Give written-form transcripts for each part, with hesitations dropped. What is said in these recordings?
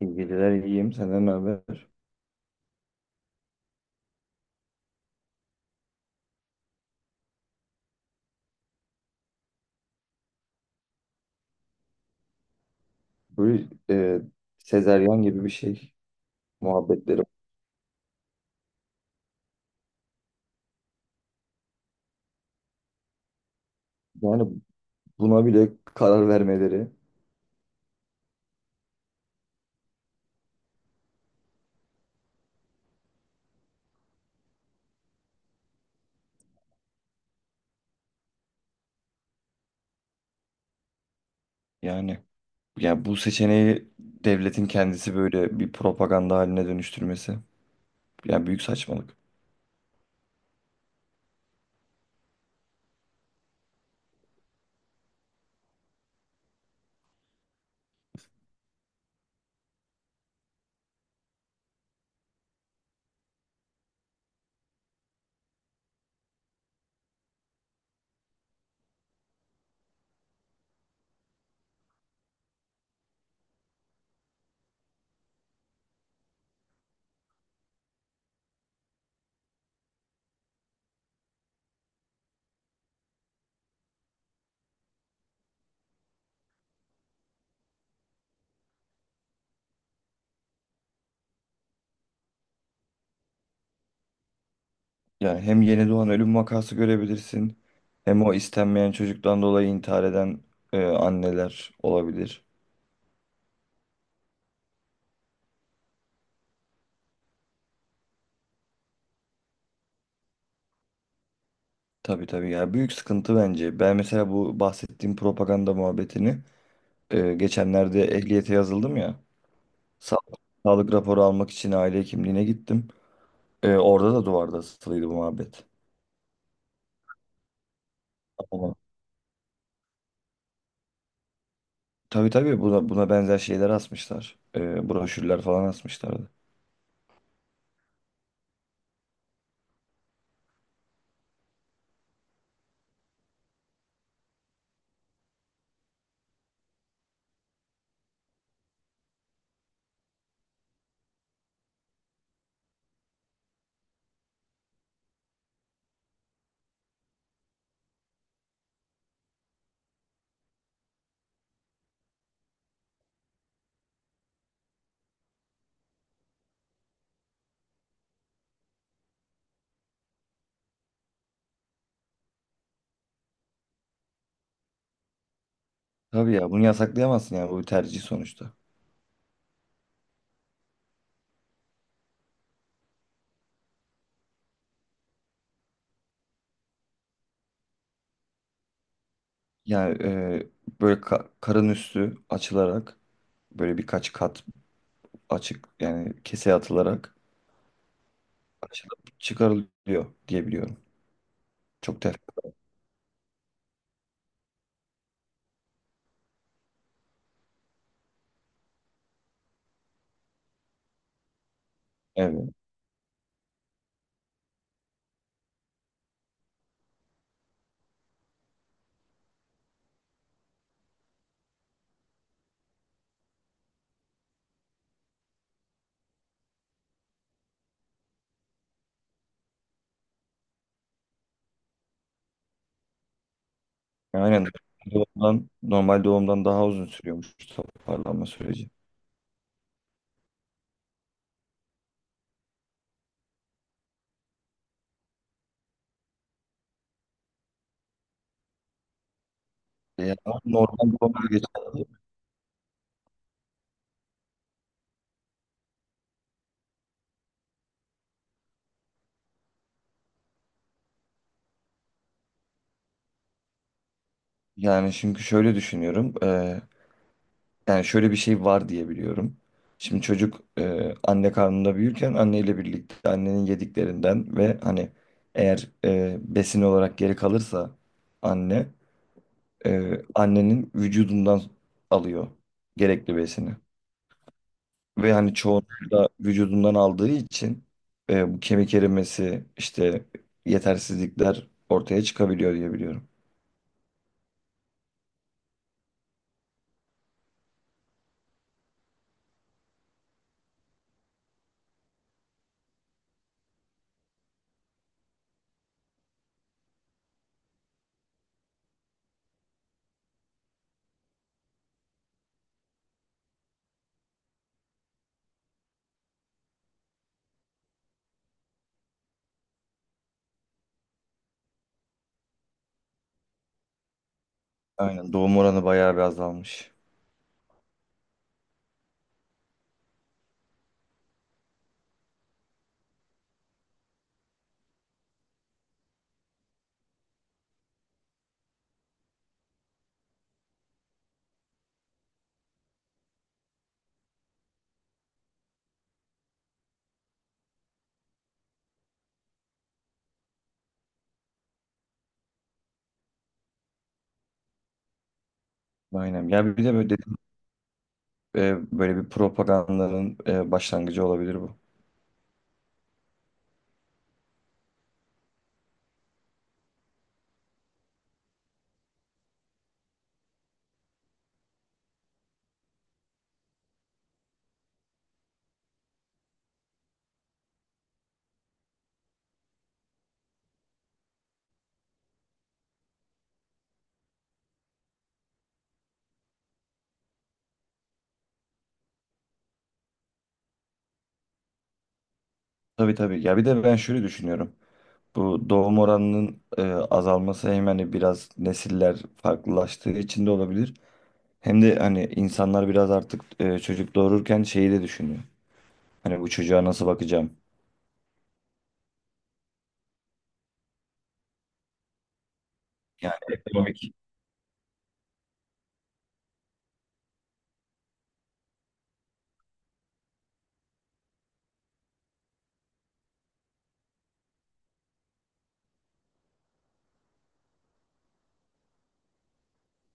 İyi geceler, iyiyim. Senden ne haber? Böyle sezeryan gibi bir şey muhabbetleri. Yani buna bile karar vermeleri. Yani ya bu seçeneği devletin kendisi böyle bir propaganda haline dönüştürmesi. Yani büyük saçmalık. Yani hem yeni doğan ölüm vakası görebilirsin. Hem o istenmeyen çocuktan dolayı intihar eden anneler olabilir. Tabii tabii ya, büyük sıkıntı bence. Ben mesela bu bahsettiğim propaganda muhabbetini geçenlerde ehliyete yazıldım ya. Sa- Sağlık raporu almak için aile hekimliğine gittim. Orada da duvarda asılıydı bu muhabbet. Ama tabii tabii, buna benzer şeyler asmışlar. Broşürler falan asmışlardı. Tabii ya, bunu yasaklayamazsın, yani bu bir tercih sonuçta. Yani böyle karın üstü açılarak, böyle birkaç kat açık, yani kese atılarak açılıp çıkarılıyor diye biliyorum. Çok tef. Evet. Aynen. Doğumdan, normal doğumdan daha uzun sürüyormuş toparlanma süreci. Ya, normal bir olay geçerli. Yani çünkü şöyle düşünüyorum. Yani şöyle bir şey var diye biliyorum. Şimdi çocuk anne karnında büyürken anneyle birlikte annenin yediklerinden ve hani eğer besin olarak geri kalırsa anne, annenin vücudundan alıyor gerekli besini. Ve hani çoğunlukla da vücudundan aldığı için bu kemik erimesi, işte yetersizlikler ortaya çıkabiliyor diye biliyorum. Aynen, doğum oranı bayağı bir azalmış. Aynen. Ya bir de böyle dedim, böyle bir propagandanın başlangıcı olabilir bu. Tabii tabii. Ya bir de ben şöyle düşünüyorum. Bu doğum oranının azalması hem hani biraz nesiller farklılaştığı için de olabilir. Hem de hani insanlar biraz artık çocuk doğururken şeyi de düşünüyor. Hani bu çocuğa nasıl bakacağım? Yani ekonomik.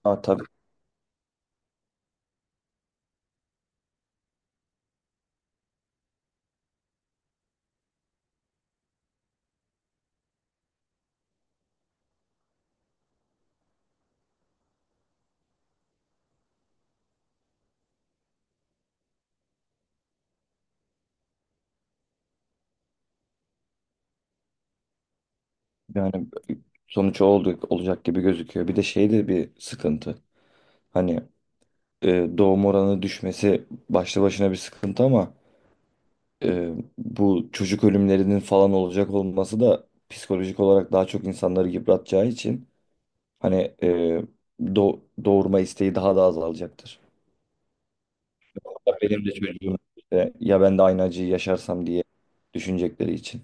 Ha, tabii. Yani sonuç o oldu, olacak gibi gözüküyor. Bir de şey de bir sıkıntı. Hani. Doğum oranı düşmesi başlı başına bir sıkıntı ama e, bu çocuk ölümlerinin falan olacak olması da psikolojik olarak daha çok insanları yıpratacağı için hani, do- doğurma isteği daha da azalacaktır. Ya benim de çocuğum işte, ya ben de aynı acıyı yaşarsam diye düşünecekleri için.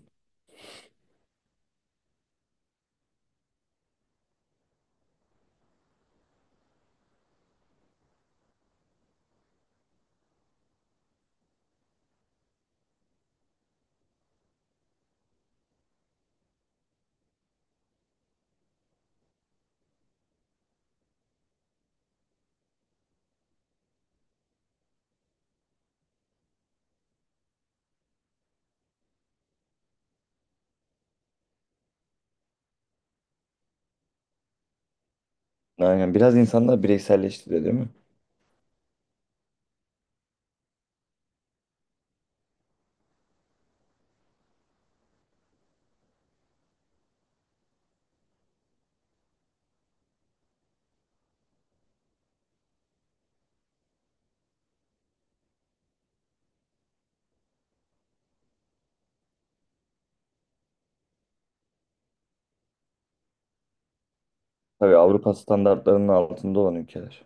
Aynen, biraz insanlar bireyselleşti de değil mi? Tabii, Avrupa standartlarının altında olan ülkeler.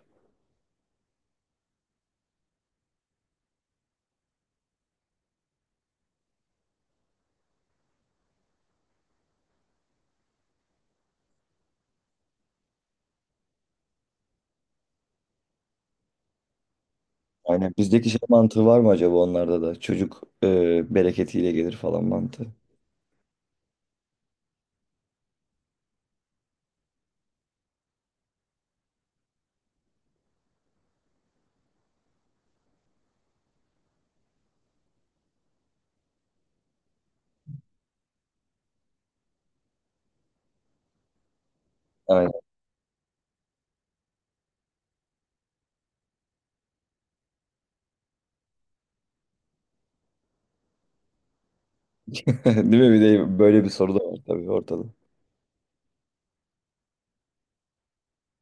Aynen, bizdeki şey mantığı var mı acaba onlarda da? Çocuk bereketiyle gelir falan mantığı. Aynen. Değil mi? Bir de böyle bir soru da var tabii ortada.